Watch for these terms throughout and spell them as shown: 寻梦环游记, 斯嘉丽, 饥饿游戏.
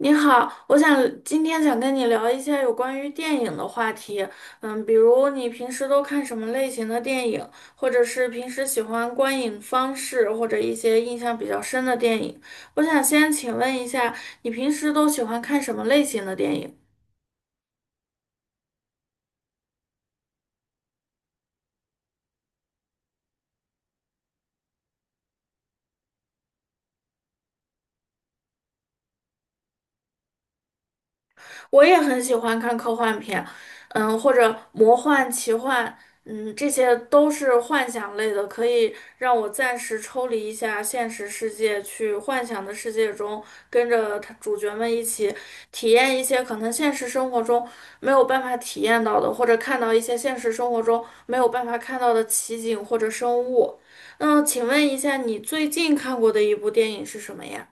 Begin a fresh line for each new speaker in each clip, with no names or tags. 你好，我想今天想跟你聊一下有关于电影的话题。比如你平时都看什么类型的电影，或者是平时喜欢观影方式，或者一些印象比较深的电影。我想先请问一下，你平时都喜欢看什么类型的电影？我也很喜欢看科幻片，或者魔幻、奇幻，这些都是幻想类的，可以让我暂时抽离一下现实世界，去幻想的世界中，跟着他主角们一起体验一些可能现实生活中没有办法体验到的，或者看到一些现实生活中没有办法看到的奇景或者生物。那请问一下，你最近看过的一部电影是什么呀？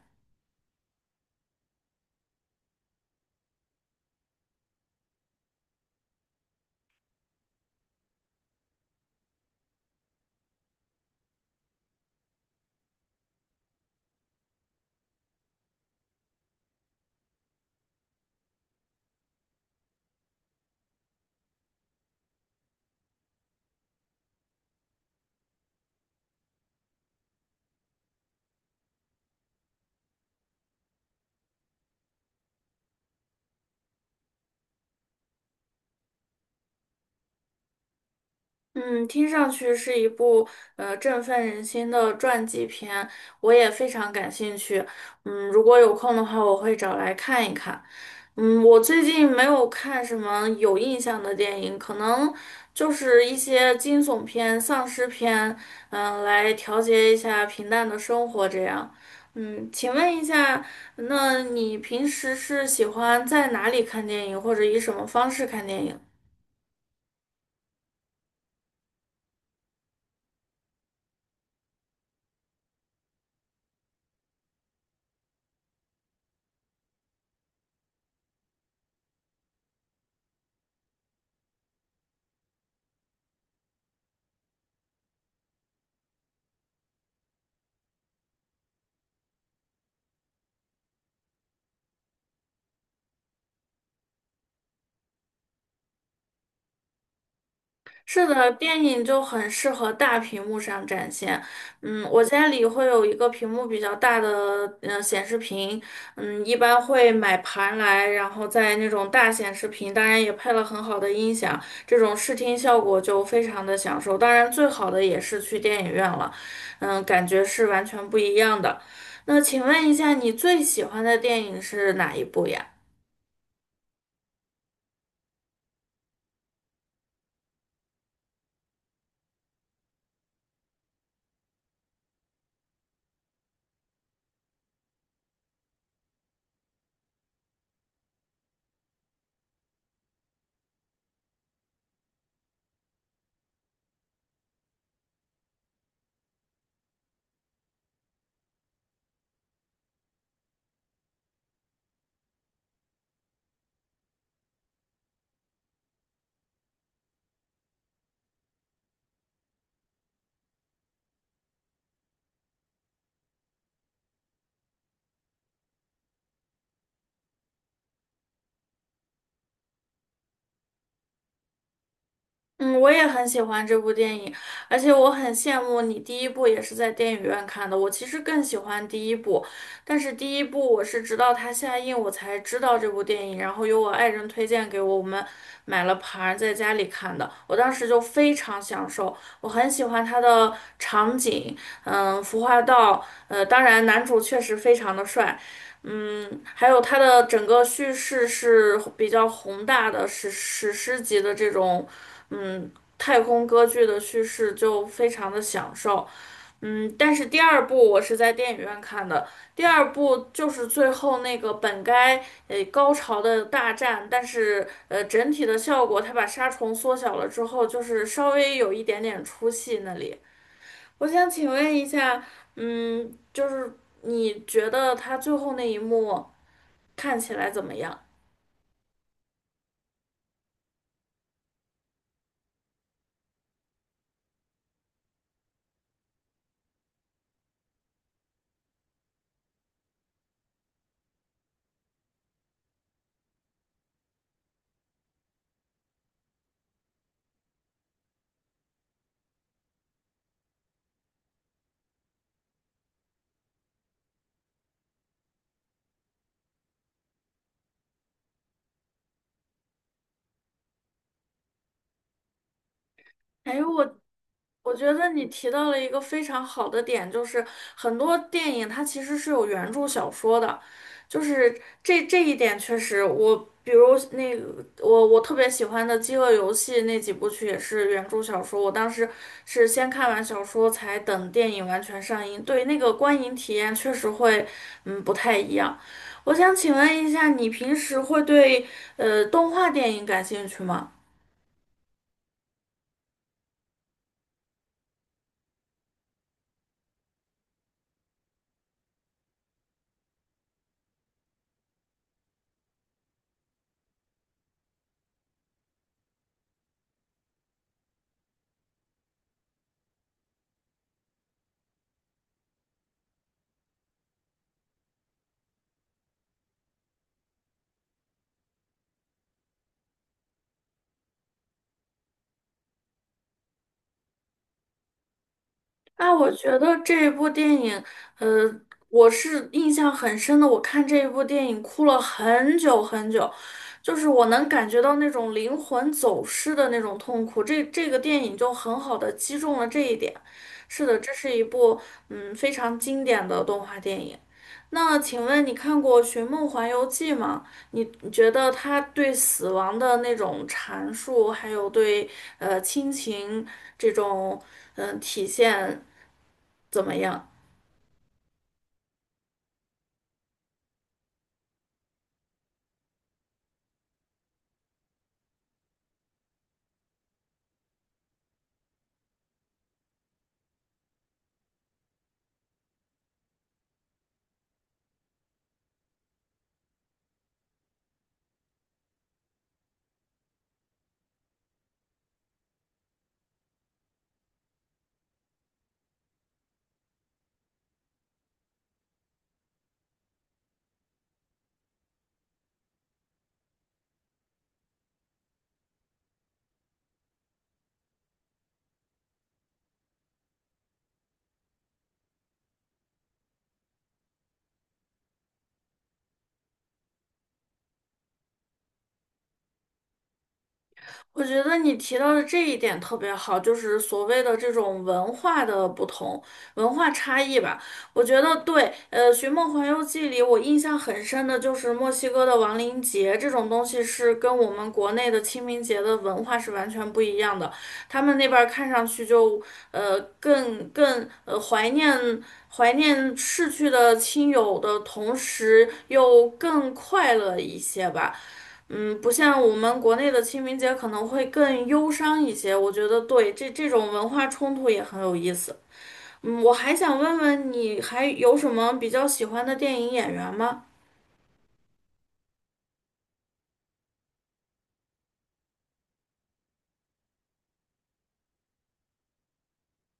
嗯，听上去是一部振奋人心的传记片，我也非常感兴趣。如果有空的话，我会找来看一看。我最近没有看什么有印象的电影，可能就是一些惊悚片、丧尸片，来调节一下平淡的生活这样。嗯，请问一下，那你平时是喜欢在哪里看电影，或者以什么方式看电影呢？是的，电影就很适合大屏幕上展现。我家里会有一个屏幕比较大的显示屏，一般会买盘来，然后在那种大显示屏，当然也配了很好的音响，这种视听效果就非常的享受。当然，最好的也是去电影院了，感觉是完全不一样的。那请问一下，你最喜欢的电影是哪一部呀？嗯，我也很喜欢这部电影，而且我很羡慕你第一部也是在电影院看的。我其实更喜欢第一部，但是第一部我是直到它下映我才知道这部电影，然后由我爱人推荐给我，我们买了盘儿在家里看的。我当时就非常享受，我很喜欢它的场景，服化道，当然男主确实非常的帅。还有它的整个叙事是比较宏大的史诗级的这种。嗯，太空歌剧的叙事就非常的享受。但是第二部我是在电影院看的，第二部就是最后那个本该高潮的大战，但是整体的效果，它把杀虫缩小了之后，就是稍微有一点点出戏那里。我想请问一下，嗯，就是你觉得它最后那一幕看起来怎么样？哎呦我。我觉得你提到了一个非常好的点，就是很多电影它其实是有原著小说的，就是这一点确实我，比如那个我特别喜欢的《饥饿游戏》那几部曲也是原著小说，我当时是先看完小说才等电影完全上映，对那个观影体验确实会不太一样。我想请问一下，你平时会对动画电影感兴趣吗？啊，我觉得这一部电影，呃，我是印象很深的。我看这一部电影哭了很久很久，就是我能感觉到那种灵魂走失的那种痛苦。这个电影就很好的击中了这一点。是的，这是一部非常经典的动画电影。那请问你看过《寻梦环游记》吗？你觉得它对死亡的那种阐述，还有对亲情这种体现，怎么样？我觉得你提到的这一点特别好，就是所谓的这种文化的不同、文化差异吧。我觉得对，《寻梦环游记》里我印象很深的就是墨西哥的亡灵节这种东西，是跟我们国内的清明节的文化是完全不一样的。他们那边儿看上去就更怀念逝去的亲友的同时，又更快乐一些吧。嗯，不像我们国内的清明节可能会更忧伤一些，我觉得对，这种文化冲突也很有意思。嗯，我还想问问你还有什么比较喜欢的电影演员吗？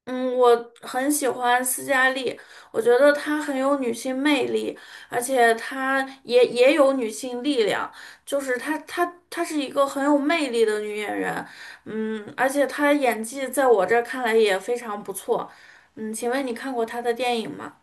嗯，我很喜欢斯嘉丽，我觉得她很有女性魅力，而且她也有女性力量，就是她是一个很有魅力的女演员，而且她演技在我这儿看来也非常不错。嗯，请问你看过她的电影吗？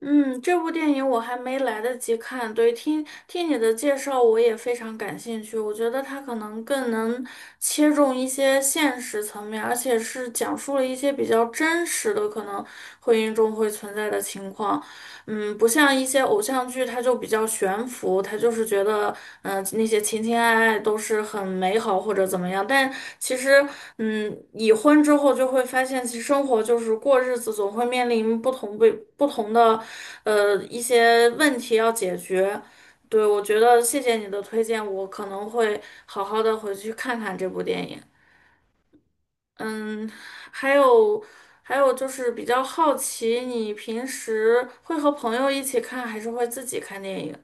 嗯，这部电影我还没来得及看，对，听你的介绍，我也非常感兴趣。我觉得它可能更能切中一些现实层面，而且是讲述了一些比较真实的，可能婚姻中会存在的情况。不像一些偶像剧，它就比较悬浮，它就是觉得，那些情情爱爱都是很美好或者怎么样。但其实，已婚之后就会发现，其实生活就是过日子，总会面临不同的，一些问题要解决。对，我觉得谢谢你的推荐，我可能会好好的回去看看这部电影。嗯，还有还有就是比较好奇，你平时会和朋友一起看，还是会自己看电影？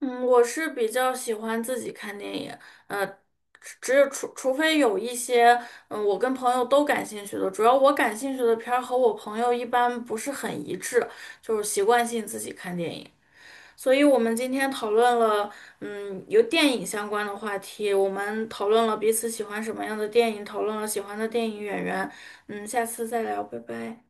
嗯，我是比较喜欢自己看电影，呃，只有除非有一些，我跟朋友都感兴趣的，主要我感兴趣的片儿和我朋友一般不是很一致，就是习惯性自己看电影。所以我们今天讨论了，由电影相关的话题，我们讨论了彼此喜欢什么样的电影，讨论了喜欢的电影演员，下次再聊，拜拜。